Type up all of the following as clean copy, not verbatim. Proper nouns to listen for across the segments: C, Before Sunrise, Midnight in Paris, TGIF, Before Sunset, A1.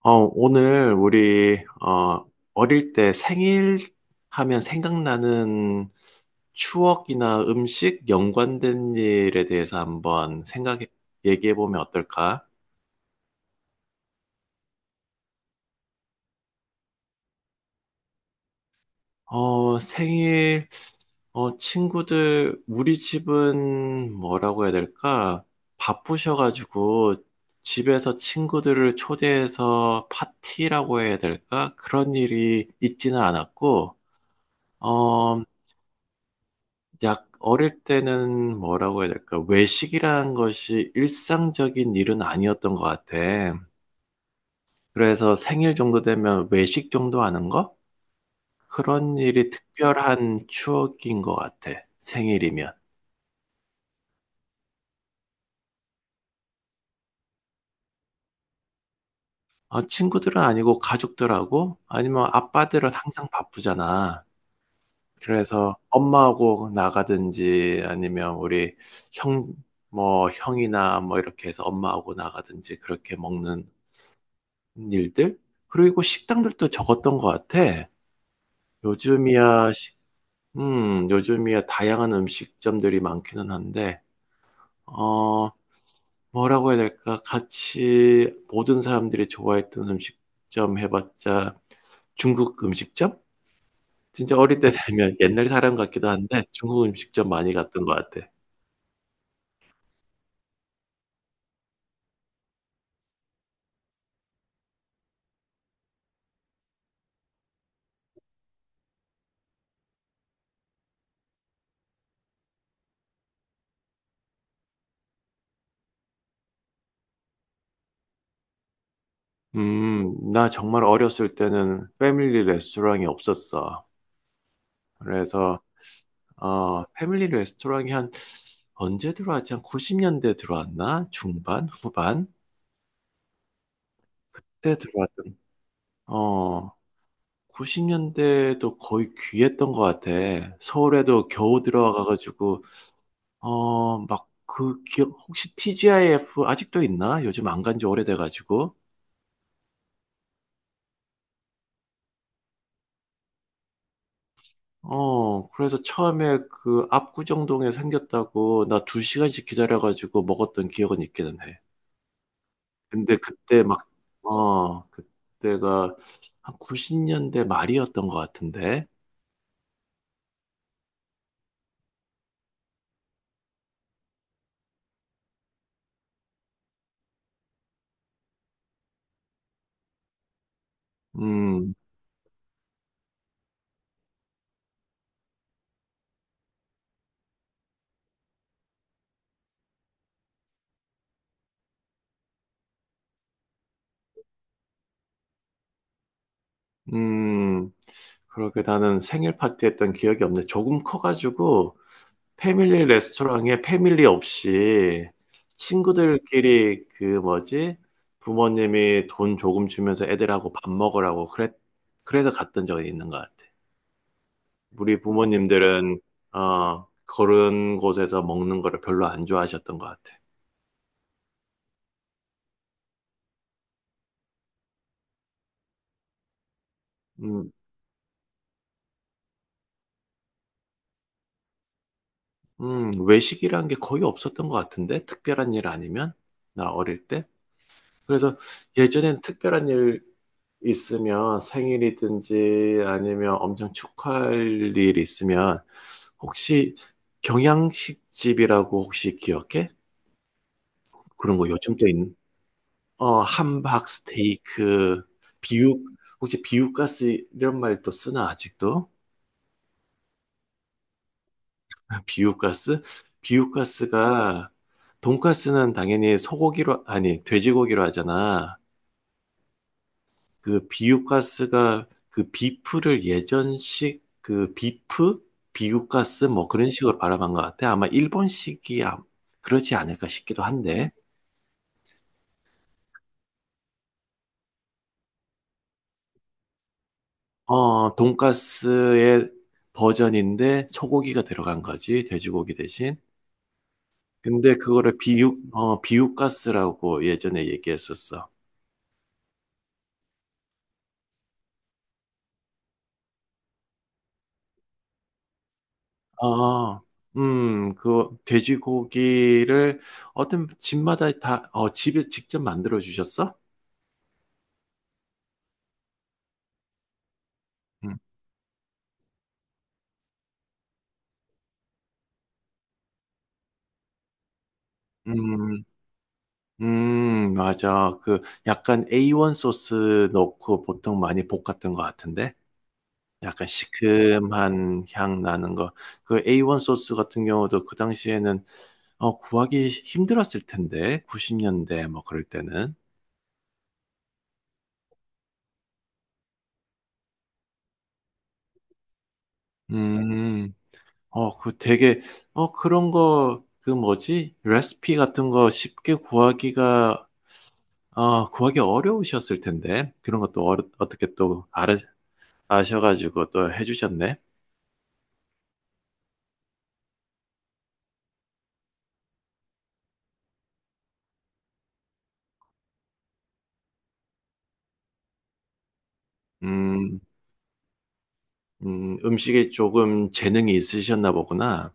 오늘 우리 어릴 때 생일 하면 생각나는 추억이나 음식 연관된 일에 대해서 한번 생각해 얘기해 보면 어떨까? 생일 친구들 우리 집은 뭐라고 해야 될까? 바쁘셔가지고 집에서 친구들을 초대해서 파티라고 해야 될까? 그런 일이 있지는 않았고 어, 약 어릴 때는 뭐라고 해야 될까? 외식이라는 것이 일상적인 일은 아니었던 것 같아. 그래서 생일 정도 되면 외식 정도 하는 거? 그런 일이 특별한 추억인 것 같아. 생일이면. 친구들은 아니고 가족들하고 아니면 아빠들은 항상 바쁘잖아. 그래서 엄마하고 나가든지 아니면 우리 형, 뭐 형이나 뭐 이렇게 해서 엄마하고 나가든지 그렇게 먹는 일들 그리고 식당들도 적었던 것 같아. 요즘이야 식- 요즘이야 다양한 음식점들이 많기는 한데 어 뭐라고 해야 될까? 같이 모든 사람들이 좋아했던 음식점 해봤자 중국 음식점? 진짜 어릴 때 되면 옛날 사람 같기도 한데 중국 음식점 많이 갔던 것 같아. 나 정말 어렸을 때는 패밀리 레스토랑이 없었어. 그래서 패밀리 레스토랑이 한 언제 들어왔지? 한 90년대 들어왔나? 중반? 후반? 때 어, 90년대도 거의 귀했던 것 같아. 서울에도 겨우 들어와가지고, 막 그기 혹시 TGIF 아직도 있나? 요즘 안 간지 오래돼가지고. 그래서 처음에 그 압구정동에 생겼다고 나 2시간씩 기다려가지고 먹었던 기억은 있기는 해. 근데 그때가 한 90년대 말이었던 것 같은데. 음, 음, 그렇게 나는 생일 파티 했던 기억이 없네. 조금 커가지고, 패밀리 레스토랑에 패밀리 없이 친구들끼리 뭐지? 부모님이 돈 조금 주면서 애들하고 밥 먹으라고 그래서 갔던 적이 있는 것 같아. 우리 부모님들은, 그런 곳에서 먹는 거를 별로 안 좋아하셨던 것 같아. 음, 외식이란 게 거의 없었던 것 같은데? 특별한 일 아니면? 나 어릴 때? 그래서 예전엔 특별한 일 있으면 생일이든지 아니면 엄청 축하할 일 있으면 혹시 경양식집이라고 혹시 기억해? 그런 거 요즘도 있는 함박 스테이크 비육 혹시 비육가스 이런 말도 쓰나 아직도? 비육가스? 비육가스가 돈가스는 당연히 소고기로 아니 돼지고기로 하잖아. 그 비유가스가 그 비프를 예전식 그 비프 비유가스 뭐 그런 식으로 바라본 것 같아. 아마 일본식이 그렇지 않을까 싶기도 한데. 돈가스의 버전인데 소고기가 들어간 거지, 돼지고기 대신. 근데 그거를 비유가스라고 예전에 얘기했었어. 어, 그 돼지고기를 어떤 집마다 집에 직접 만들어 주셨어? 음, 음, 맞아. 그 약간 A1 소스 넣고 보통 많이 볶았던 것 같은데? 약간 시큼한 향 나는 거. 그 A1 소스 같은 경우도 그 당시에는 구하기 힘들었을 텐데. 90년대 뭐 그럴 때는. 음, 그 되게, 그런 거, 그 뭐지? 레시피 같은 거 쉽게 구하기 어려우셨을 텐데. 그런 것도 어떻게 또 아셔가지고 또 해주셨네. 음, 음식에 조금 재능이 있으셨나 보구나.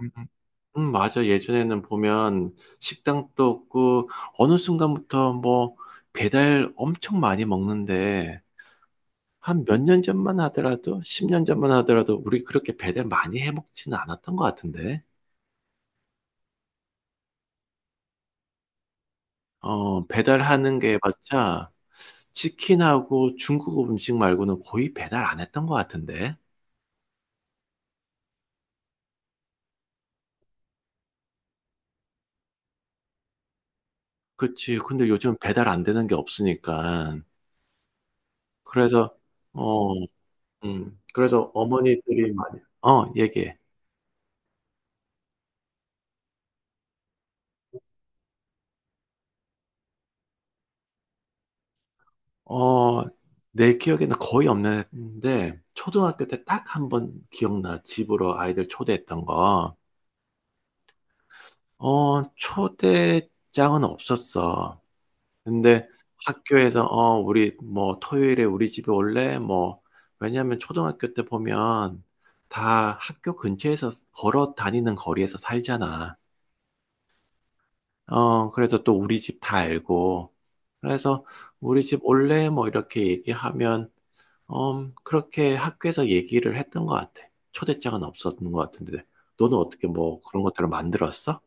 음, 맞아. 예전에는 보면 식당도 없고 어느 순간부터 뭐 배달 엄청 많이 먹는데 한 몇 년 전만 하더라도 10년 전만 하더라도 우리 그렇게 배달 많이 해 먹지는 않았던 것 같은데. 배달하는 게 맞자 치킨하고 중국 음식 말고는 거의 배달 안 했던 것 같은데. 그치. 근데 요즘 배달 안 되는 게 없으니까. 그래서, 어, 그래서 어머니들이 많이 얘기해. 어, 내 기억에는 거의 없는데, 초등학교 때 딱 한 번 기억나. 집으로 아이들 초대했던 거. 초대장은 없었어. 근데 학교에서, 우리 뭐 토요일에 우리 집에 올래? 뭐, 왜냐면 초등학교 때 보면 다 학교 근처에서 걸어 다니는 거리에서 살잖아. 그래서 또 우리 집 다 알고, 그래서 우리 집 올래? 뭐 이렇게 얘기하면, 그렇게 학교에서 얘기를 했던 것 같아. 초대장은 없었던 것 같은데. 너는 어떻게 뭐 그런 것들을 만들었어?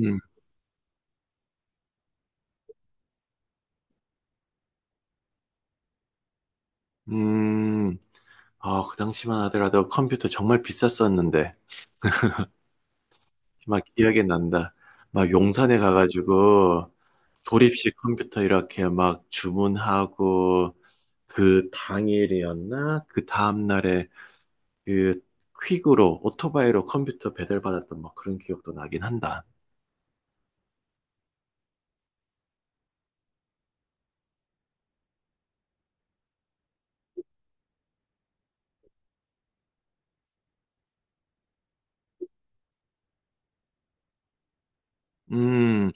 음, 음, 그 당시만 하더라도 컴퓨터 정말 비쌌었는데, 막 기억이 난다. 막 용산에 가가지고 조립식 컴퓨터 이렇게 막 주문하고, 그 당일이었나? 그 다음날에 그 퀵으로 오토바이로 컴퓨터 배달 받았던 막 그런 기억도 나긴 한다. 음,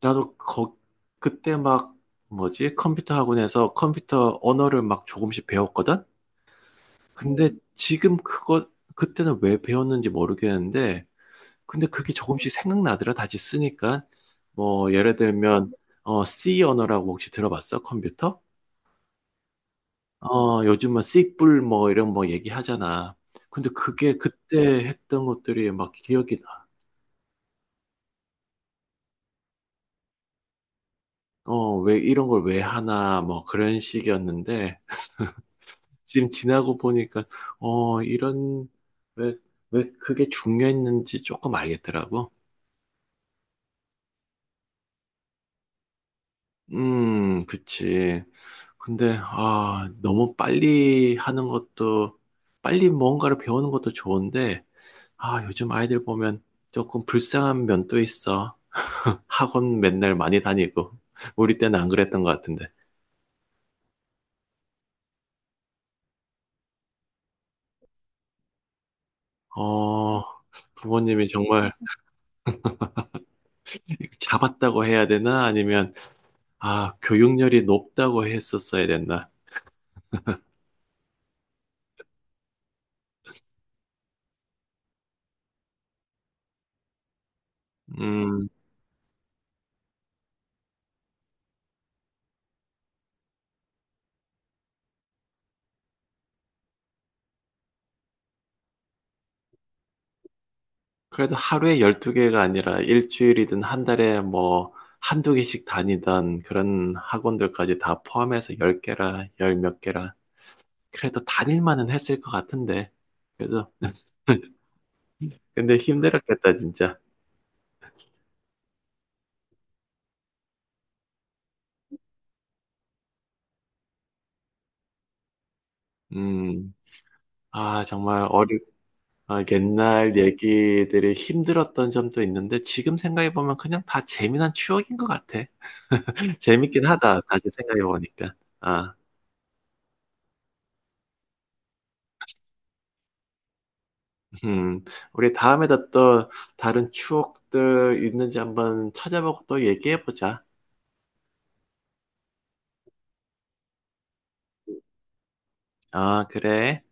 나도 그때 막 뭐지? 컴퓨터 학원에서 컴퓨터 언어를 막 조금씩 배웠거든? 근데 지금 그때는 왜 배웠는지 모르겠는데, 근데 그게 조금씩 생각나더라. 다시 쓰니까. 뭐, 예를 들면, C 언어라고 혹시 들어봤어? 컴퓨터? 요즘은 C뿔 뭐 이런 뭐 얘기하잖아. 근데 그게 그때 했던 것들이 막 기억이 나. 왜 이런 걸 왜 하나, 뭐 그런 식이었는데, 지금 지나고 보니까, 어, 이런, 왜, 왜 그게 중요했는지 조금 알겠더라고. 그치. 근데, 너무 빨리 하는 것도, 빨리 뭔가를 배우는 것도 좋은데, 요즘 아이들 보면 조금 불쌍한 면도 있어. 학원 맨날 많이 다니고, 우리 때는 안 그랬던 것 같은데. 어, 부모님이 정말, 잡았다고 해야 되나? 아니면, 교육열이 높다고 했었어야 됐나? 음, 그래도 하루에 12개가 아니라 일주일이든 한 달에 뭐, 한두 개씩 다니던 그런 학원들까지 다 포함해서 10개라, 열 몇 개라. 그래도 다닐 만은 했을 것 같은데. 그래도, 근데 힘들었겠다, 진짜. 음, 정말 옛날 얘기들이 힘들었던 점도 있는데, 지금 생각해보면 그냥 다 재미난 추억인 것 같아. 재밌긴 하다. 다시 생각해 보니까. 아, 음. 우리 다에다 또 다른 추억들 있는지 한번 찾아보고 또 얘기해 보자. 아, 그래.